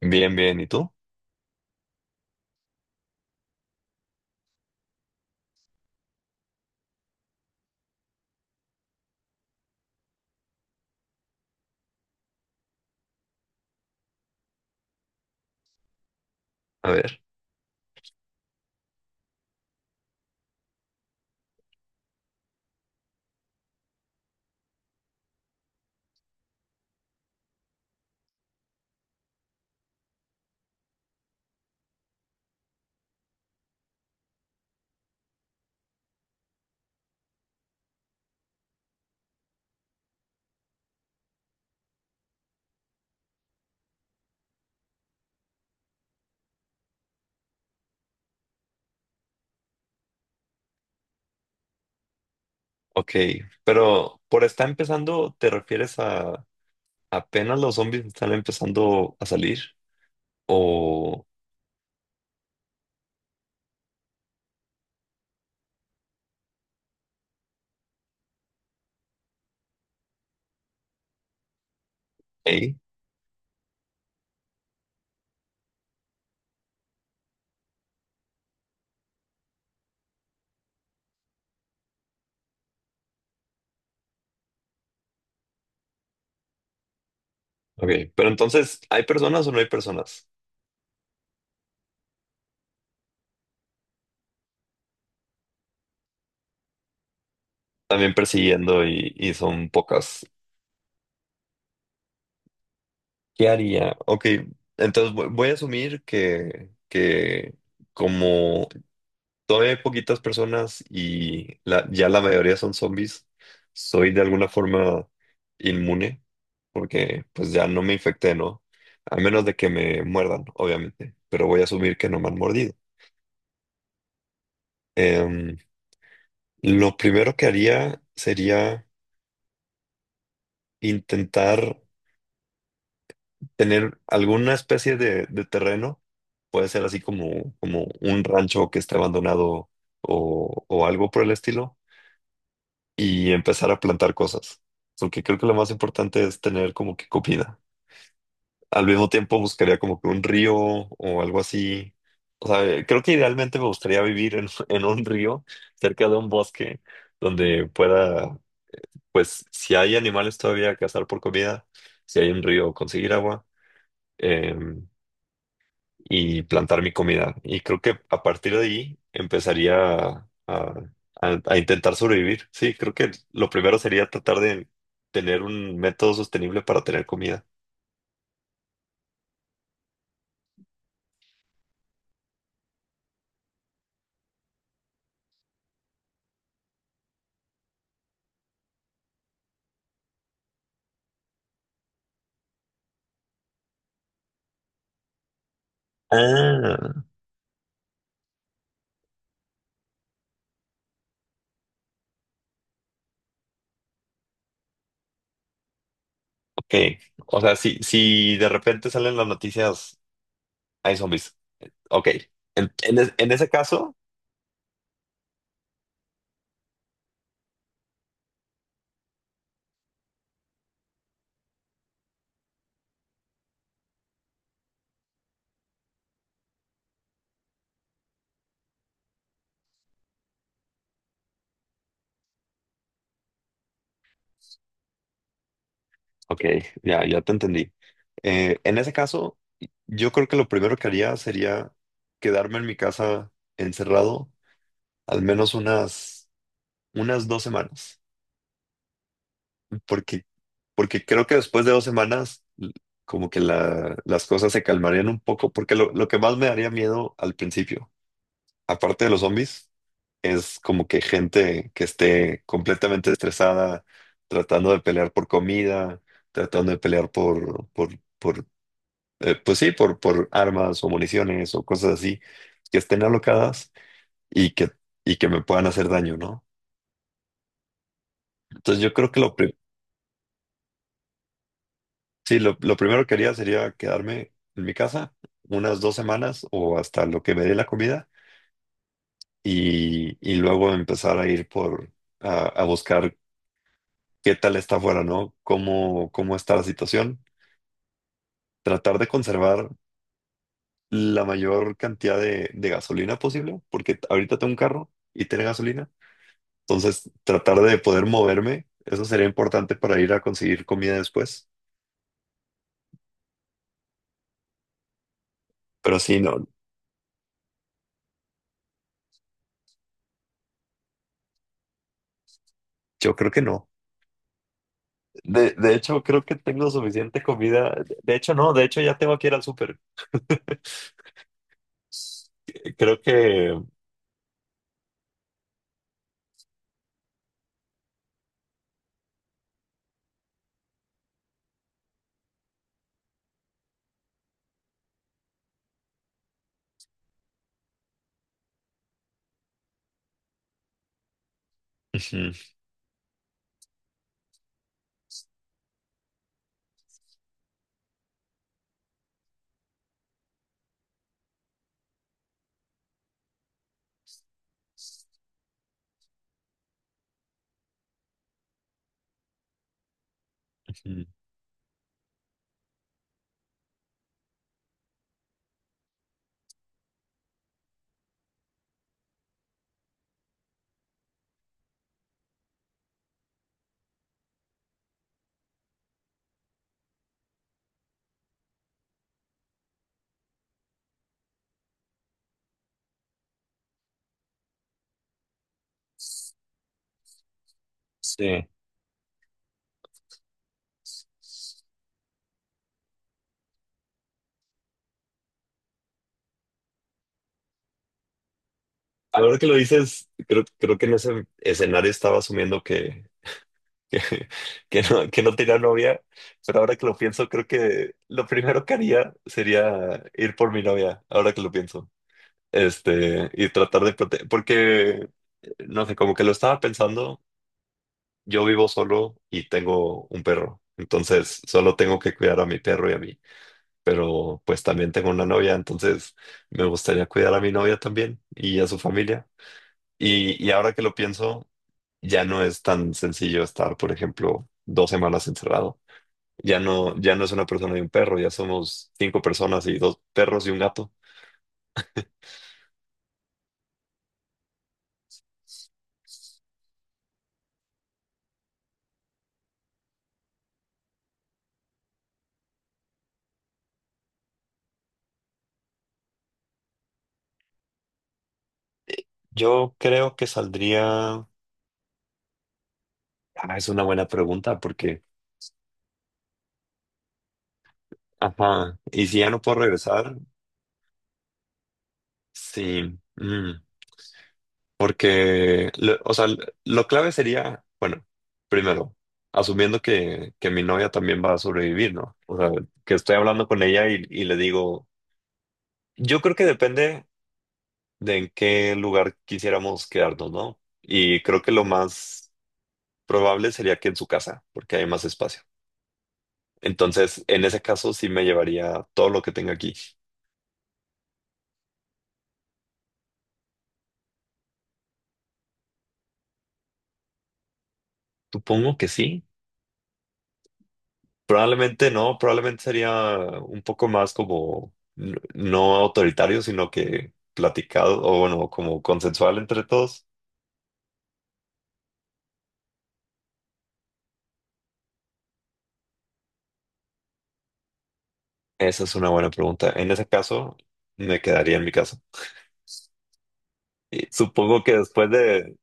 Bien, bien. ¿Y tú? A ver, ok. Pero por está empezando, ¿te refieres a apenas los zombies están empezando a salir? ¿O? Hey? Ok. Pero entonces, ¿hay personas o no hay personas? También persiguiendo y son pocas. ¿Qué haría? Ok. Entonces voy a asumir que como todavía hay poquitas personas y ya la mayoría son zombies, soy de alguna forma inmune. Porque pues ya no me infecté, ¿no? A menos de que me muerdan, obviamente, pero voy a asumir que no me han mordido. Em, lo primero que haría sería intentar tener alguna especie de terreno, puede ser así como un rancho que esté abandonado o algo por el estilo, y empezar a plantar cosas, porque creo que lo más importante es tener como que comida. Al mismo tiempo buscaría como que un río o algo así. O sea, creo que idealmente me gustaría vivir en, en un río cerca de un bosque donde pueda, pues, si hay animales todavía, cazar por comida, si hay un río, conseguir agua eh, y plantar mi comida. Y creo que a partir de ahí empezaría a intentar sobrevivir. Sí, creo que lo primero sería tratar de tener un método sostenible para tener comida. Ah. Que, o sea, si de repente salen las noticias, hay zombies. Ok. En ese caso, ok, ya te entendí. En ese caso, yo creo que lo primero que haría sería quedarme en mi casa encerrado al menos unas dos semanas, porque, porque creo que después de 2 semanas, como que las cosas se calmarían un poco, porque lo que más me daría miedo al principio, aparte de los zombies, es como que gente que esté completamente estresada, tratando de pelear por comida, tratando de pelear por pues sí, por armas o municiones o cosas así, que estén alocadas y que, y que me puedan hacer daño, ¿no? Entonces yo creo que lo primero que haría sería quedarme en mi casa unas 2 semanas o hasta lo que me dé la comida, y luego empezar a ir por. A buscar qué tal está afuera, ¿no? ¿Cómo está la situación? Tratar de conservar la mayor cantidad de gasolina posible, porque ahorita tengo un carro y tiene gasolina. Entonces, tratar de poder moverme, eso sería importante para ir a conseguir comida después. Pero sí, no, yo creo que no. De hecho, creo que tengo suficiente comida. De hecho, no, de hecho ya tengo que ir al súper. Creo que. Ujú, ujú. Sí. Ahora que lo dices, creo que en ese escenario estaba asumiendo que, que no tenía novia, pero ahora que lo pienso, creo que lo primero que haría sería ir por mi novia, ahora que lo pienso, y tratar de proteger, porque, no sé, como que lo estaba pensando, yo vivo solo y tengo un perro, entonces solo tengo que cuidar a mi perro y a mí, pero pues también tengo una novia, entonces me gustaría cuidar a mi novia también y a su familia. Y ahora que lo pienso, ya no es tan sencillo estar, por ejemplo, 2 semanas encerrado. Ya no, ya no es una persona y un perro, ya somos 5 personas y 2 perros y un gato. Yo creo que saldría. Ah, es una buena pregunta porque, ajá, y si ya no puedo regresar, sí, porque, o sea, lo clave sería, bueno, primero, asumiendo que mi novia también va a sobrevivir, ¿no? O sea, que estoy hablando con ella y le digo, yo creo que depende de en qué lugar quisiéramos quedarnos, ¿no? Y creo que lo más probable sería que en su casa, porque hay más espacio. Entonces, en ese caso sí me llevaría todo lo que tenga aquí. Supongo que sí. Probablemente no, probablemente sería un poco más como no autoritario, sino que platicado o bueno, como consensual entre todos. Esa es una buena pregunta. En ese caso, me quedaría en mi casa. Y supongo que después de.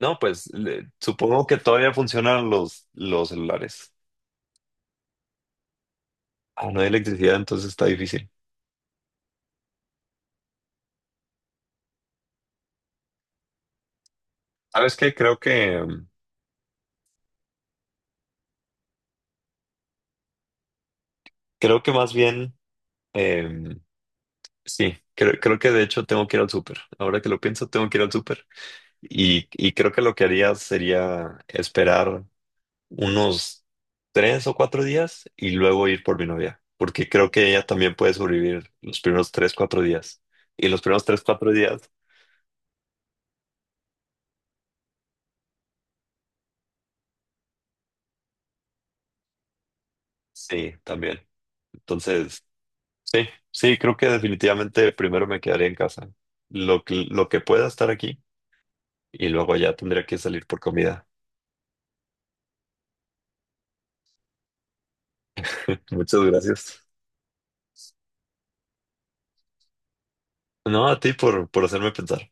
No, pues supongo que todavía funcionan los celulares. Ah, no hay electricidad, entonces está difícil. ¿Sabes qué? Creo que. Creo que más bien, em, sí, creo que de hecho tengo que ir al súper. Ahora que lo pienso, tengo que ir al súper. Y creo que lo que haría sería esperar unos 3 o 4 días y luego ir por mi novia, porque creo que ella también puede sobrevivir los primeros 3, 4 días. Y los primeros 3, 4 días, sí, también. Entonces, sí, sí, creo que definitivamente primero me quedaría en casa. Lo que pueda estar aquí y luego ya tendría que salir por comida. Muchas gracias. No, a ti por hacerme pensar.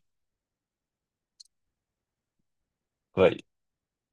Bye.